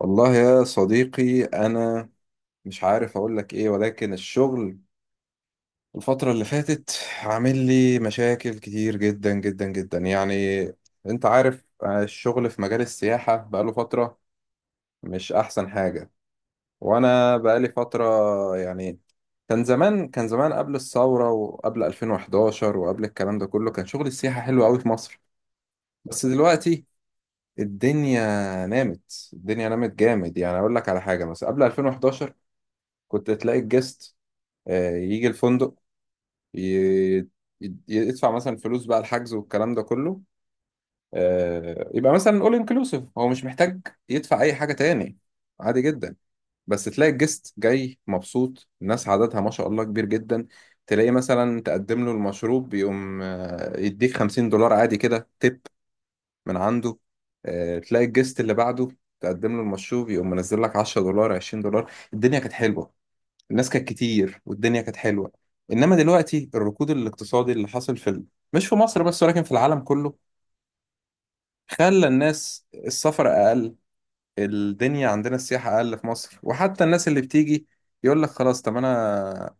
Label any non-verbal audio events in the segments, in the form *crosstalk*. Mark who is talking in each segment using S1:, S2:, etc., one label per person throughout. S1: والله يا صديقي، أنا مش عارف أقول لك إيه، ولكن الشغل الفترة اللي فاتت عامل لي مشاكل كتير جدا جدا جدا. يعني أنت عارف، الشغل في مجال السياحة بقاله فترة مش أحسن حاجة، وأنا بقالي فترة. يعني كان زمان قبل الثورة، وقبل 2011، وقبل الكلام ده كله، كان شغل السياحة حلو أوي في مصر. بس دلوقتي الدنيا الدنيا نامت جامد. يعني أقول لك على حاجة، مثلا قبل 2011 كنت تلاقي الجست، يجي الفندق، ي- ي- يدفع مثلا فلوس بقى الحجز والكلام ده كله. يبقى مثلا اول انكلوسيف، هو مش محتاج يدفع اي حاجة تاني، عادي جدا. بس تلاقي الجست جاي مبسوط، الناس عددها ما شاء الله كبير جدا. تلاقي مثلا تقدم له المشروب يقوم يديك $50 عادي كده تip من عنده. تلاقي الجست اللي بعده تقدم له المشروب يقوم منزل لك $10، $20. الدنيا كانت حلوة، الناس كانت كتير والدنيا كانت حلوة. إنما دلوقتي الركود الاقتصادي اللي حصل في مش في مصر بس، ولكن في العالم كله، خلى الناس السفر أقل. الدنيا عندنا السياحة أقل في مصر، وحتى الناس اللي بتيجي يقول لك خلاص، طب أنا،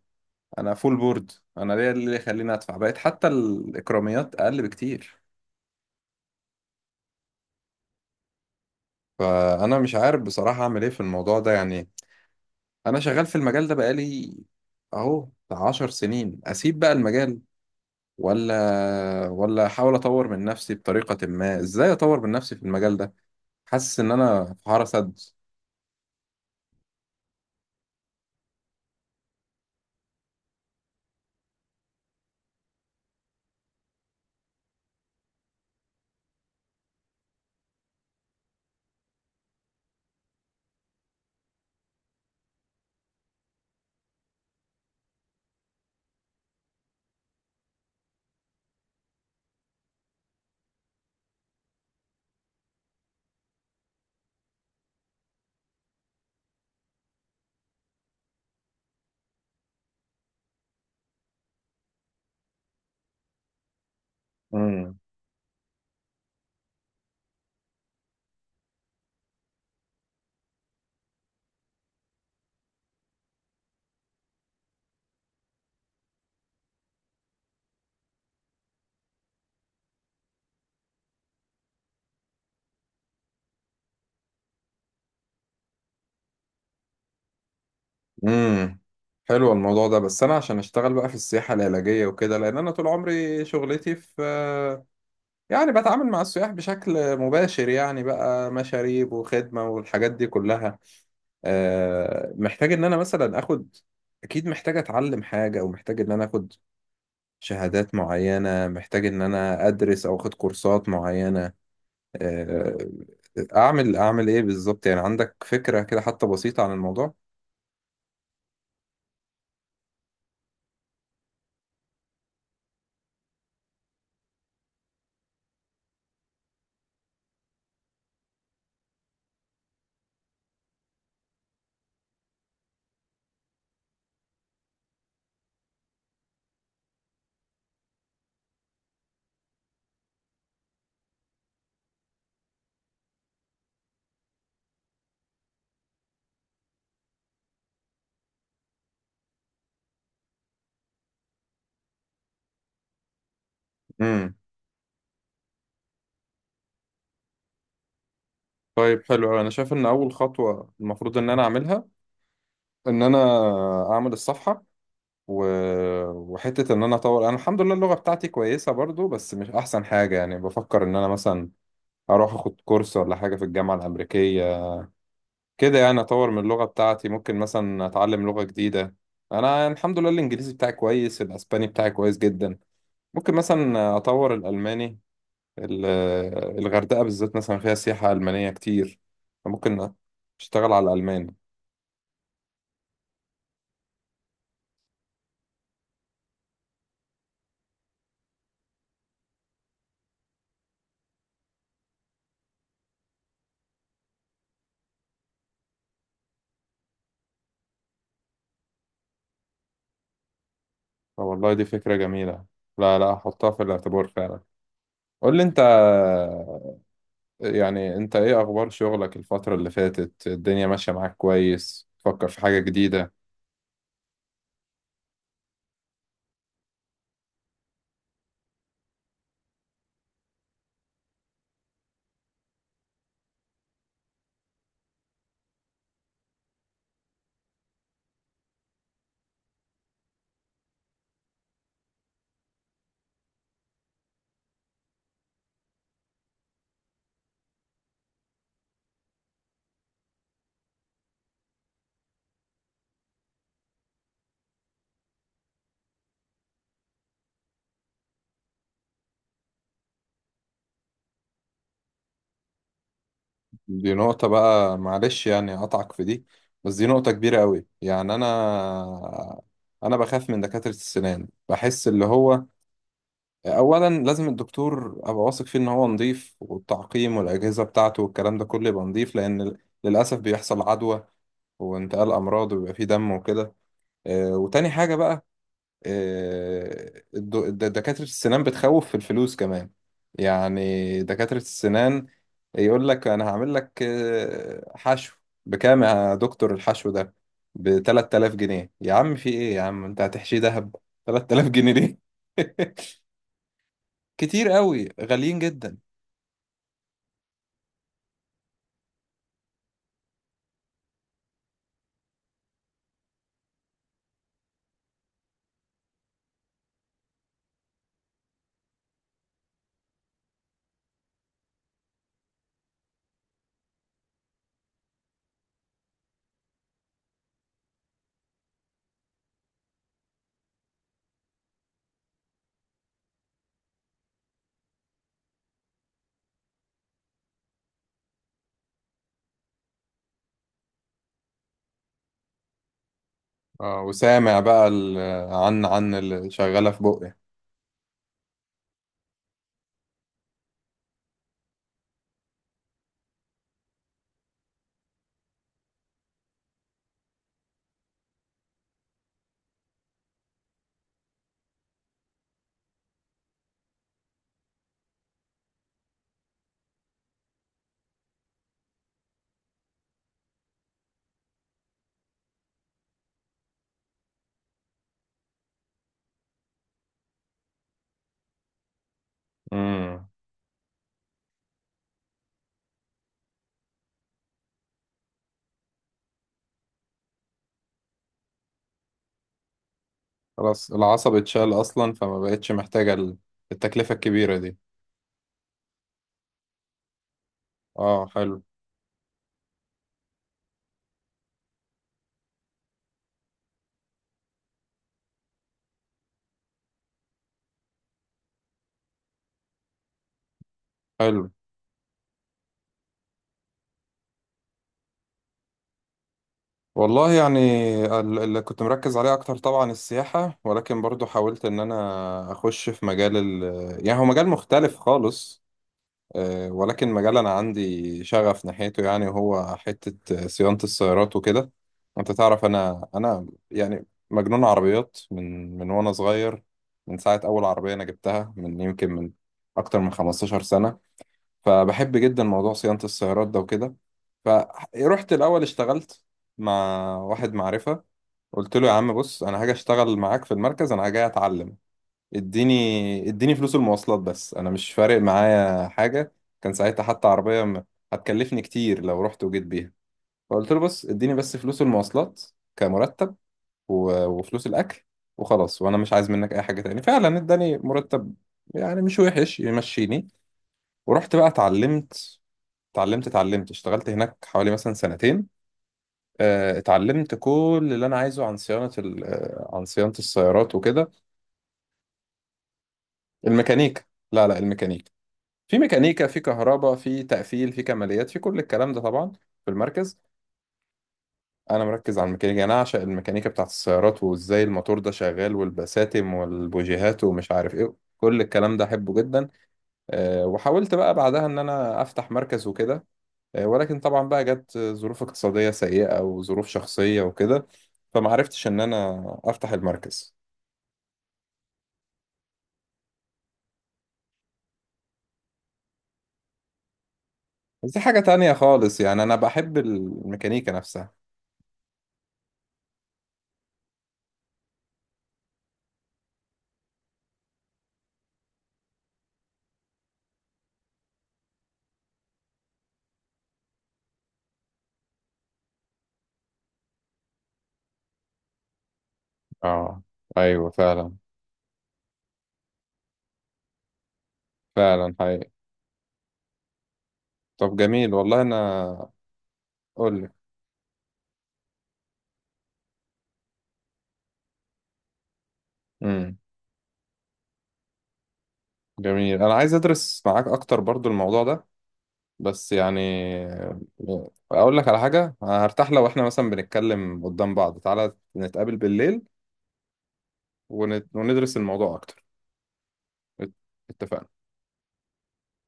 S1: أنا فول بورد، أنا ليه اللي يخليني أدفع؟ بقت حتى الإكراميات أقل بكتير. فأنا مش عارف بصراحة أعمل إيه في الموضوع ده. يعني أنا شغال في المجال ده بقالي أهو بتاع 10 سنين. أسيب بقى المجال ولا احاول اطور من نفسي بطريقة ما؟ ازاي اطور من نفسي في المجال ده؟ حاسس ان انا في حارة سد. امم، امم، حلو الموضوع ده، بس انا عشان اشتغل بقى في السياحة العلاجية وكده، لان انا طول عمري شغلتي في، يعني بتعامل مع السياح بشكل مباشر، يعني بقى مشاريب وخدمة والحاجات دي كلها. محتاج ان انا مثلا اخد، اكيد محتاج اتعلم حاجة، او محتاج ان انا اخد شهادات معينة، محتاج ان انا ادرس او اخد كورسات معينة. آه، اعمل ايه بالظبط؟ يعني عندك فكرة كده حتى بسيطة عن الموضوع؟ امم، طيب حلو أوي. انا شايف ان اول خطوة المفروض ان انا اعملها، ان انا اعمل الصفحة و... وحتة ان انا اطور. انا الحمد لله اللغة بتاعتي كويسة برضو، بس مش احسن حاجة. يعني بفكر ان انا مثلا اروح اخد كورس ولا حاجة في الجامعة الامريكية كده، يعني اطور من اللغة بتاعتي. ممكن مثلا اتعلم لغة جديدة. انا الحمد لله الانجليزي بتاعي كويس، الاسباني بتاعي كويس جدا، ممكن مثلا اطور الالماني. ال- الغردقة بالذات مثلا فيها سياحة ألمانية كتير، ممكن أشتغل على الألمان. آه والله دي فكرة جميلة، لا لا، أحطها في الاعتبار فعلا. قول لي أنت، يعني أنت إيه أخبار شغلك الفترة اللي فاتت؟ الدنيا ماشية معاك كويس؟ تفكر في حاجة جديدة؟ دي نقطة بقى، معلش يعني أقطعك في دي، بس دي نقطة كبيرة قوي. يعني أنا بخاف من دكاترة السنان، بحس اللي هو اولا لازم الدكتور ابقى واثق فيه ان هو نظيف، والتعقيم والاجهزه بتاعته والكلام ده كله يبقى نظيف، لان للاسف بيحصل عدوى وانتقال امراض ويبقى فيه دم وكده. وتاني حاجه بقى، دكاتره السنان بتخوف في الفلوس كمان. يعني دكاتره السنان يقول لك انا هعمل لك حشو. بكام يا دكتور الحشو ده؟ ب 3000 جنيه؟ يا عم في ايه؟ يا عم انت هتحشيه دهب؟ 3000 جنيه ليه؟ *laughs* كتير قوي، غاليين جدا. اه، وسامع بقى عن اللي شغالة في بقي. امم، خلاص العصب اتشال اصلا، فما بقتش محتاجة التكلفة الكبيرة دي. اه حلو، حلو والله. يعني اللي كنت مركز عليه اكتر طبعا السياحة، ولكن برضو حاولت ان انا اخش في مجال يعني هو مجال مختلف خالص. ولكن مجال أنا عندي شغف ناحيته. يعني هو حتة صيانة السيارات وكده. أنت تعرف، أنا يعني مجنون عربيات من وأنا صغير. من ساعة أول عربية أنا جبتها من يمكن من أكتر من 15 سنة. فبحب جدا موضوع صيانة السيارات ده وكده. فرحت الأول اشتغلت مع واحد معرفة، قلت له يا عم بص، أنا هاجي أشتغل معاك في المركز، أنا جاي أتعلم. اديني فلوس المواصلات بس، انا مش فارق معايا حاجه. كان ساعتها حتى عربيه هتكلفني كتير لو رحت وجيت بيها. فقلت له بص، اديني بس فلوس المواصلات كمرتب، وفلوس الاكل، وخلاص، وانا مش عايز منك اي حاجه تاني. فعلا اداني مرتب، يعني مش وحش، يمشيني. ورحت بقى اتعلمت، اتعلمت اشتغلت هناك حوالي مثلا سنتين. اتعلمت كل اللي انا عايزه عن صيانه عن صيانه السيارات وكده. الميكانيكا، لا لا الميكانيكا. في ميكانيكا، في كهرباء، في تقفيل، في كماليات، في كل الكلام ده طبعا، في المركز. انا مركز على الميكانيكا، يعني انا اعشق الميكانيكا بتاعت السيارات، وازاي الموتور ده شغال، والبساتم والبوجيهات ومش عارف ايه، كل الكلام ده احبه جدا. أه وحاولت بقى بعدها ان انا افتح مركز وكده. أه ولكن طبعا بقى جت ظروف اقتصادية سيئة وظروف شخصية وكده، فما عرفتش ان انا افتح المركز. بس دي حاجة تانية خالص، يعني انا بحب الميكانيكا نفسها. اه، ايوه فعلا. فعلا حقيقي. طب جميل والله، انا اقول لك. امم، جميل. انا عايز ادرس معاك اكتر برضو الموضوع ده، بس يعني اقول لك على حاجه، أنا هرتاح لو احنا مثلا بنتكلم قدام بعض. تعالى نتقابل بالليل، وندرس الموضوع اكتر. ات- اتفقنا.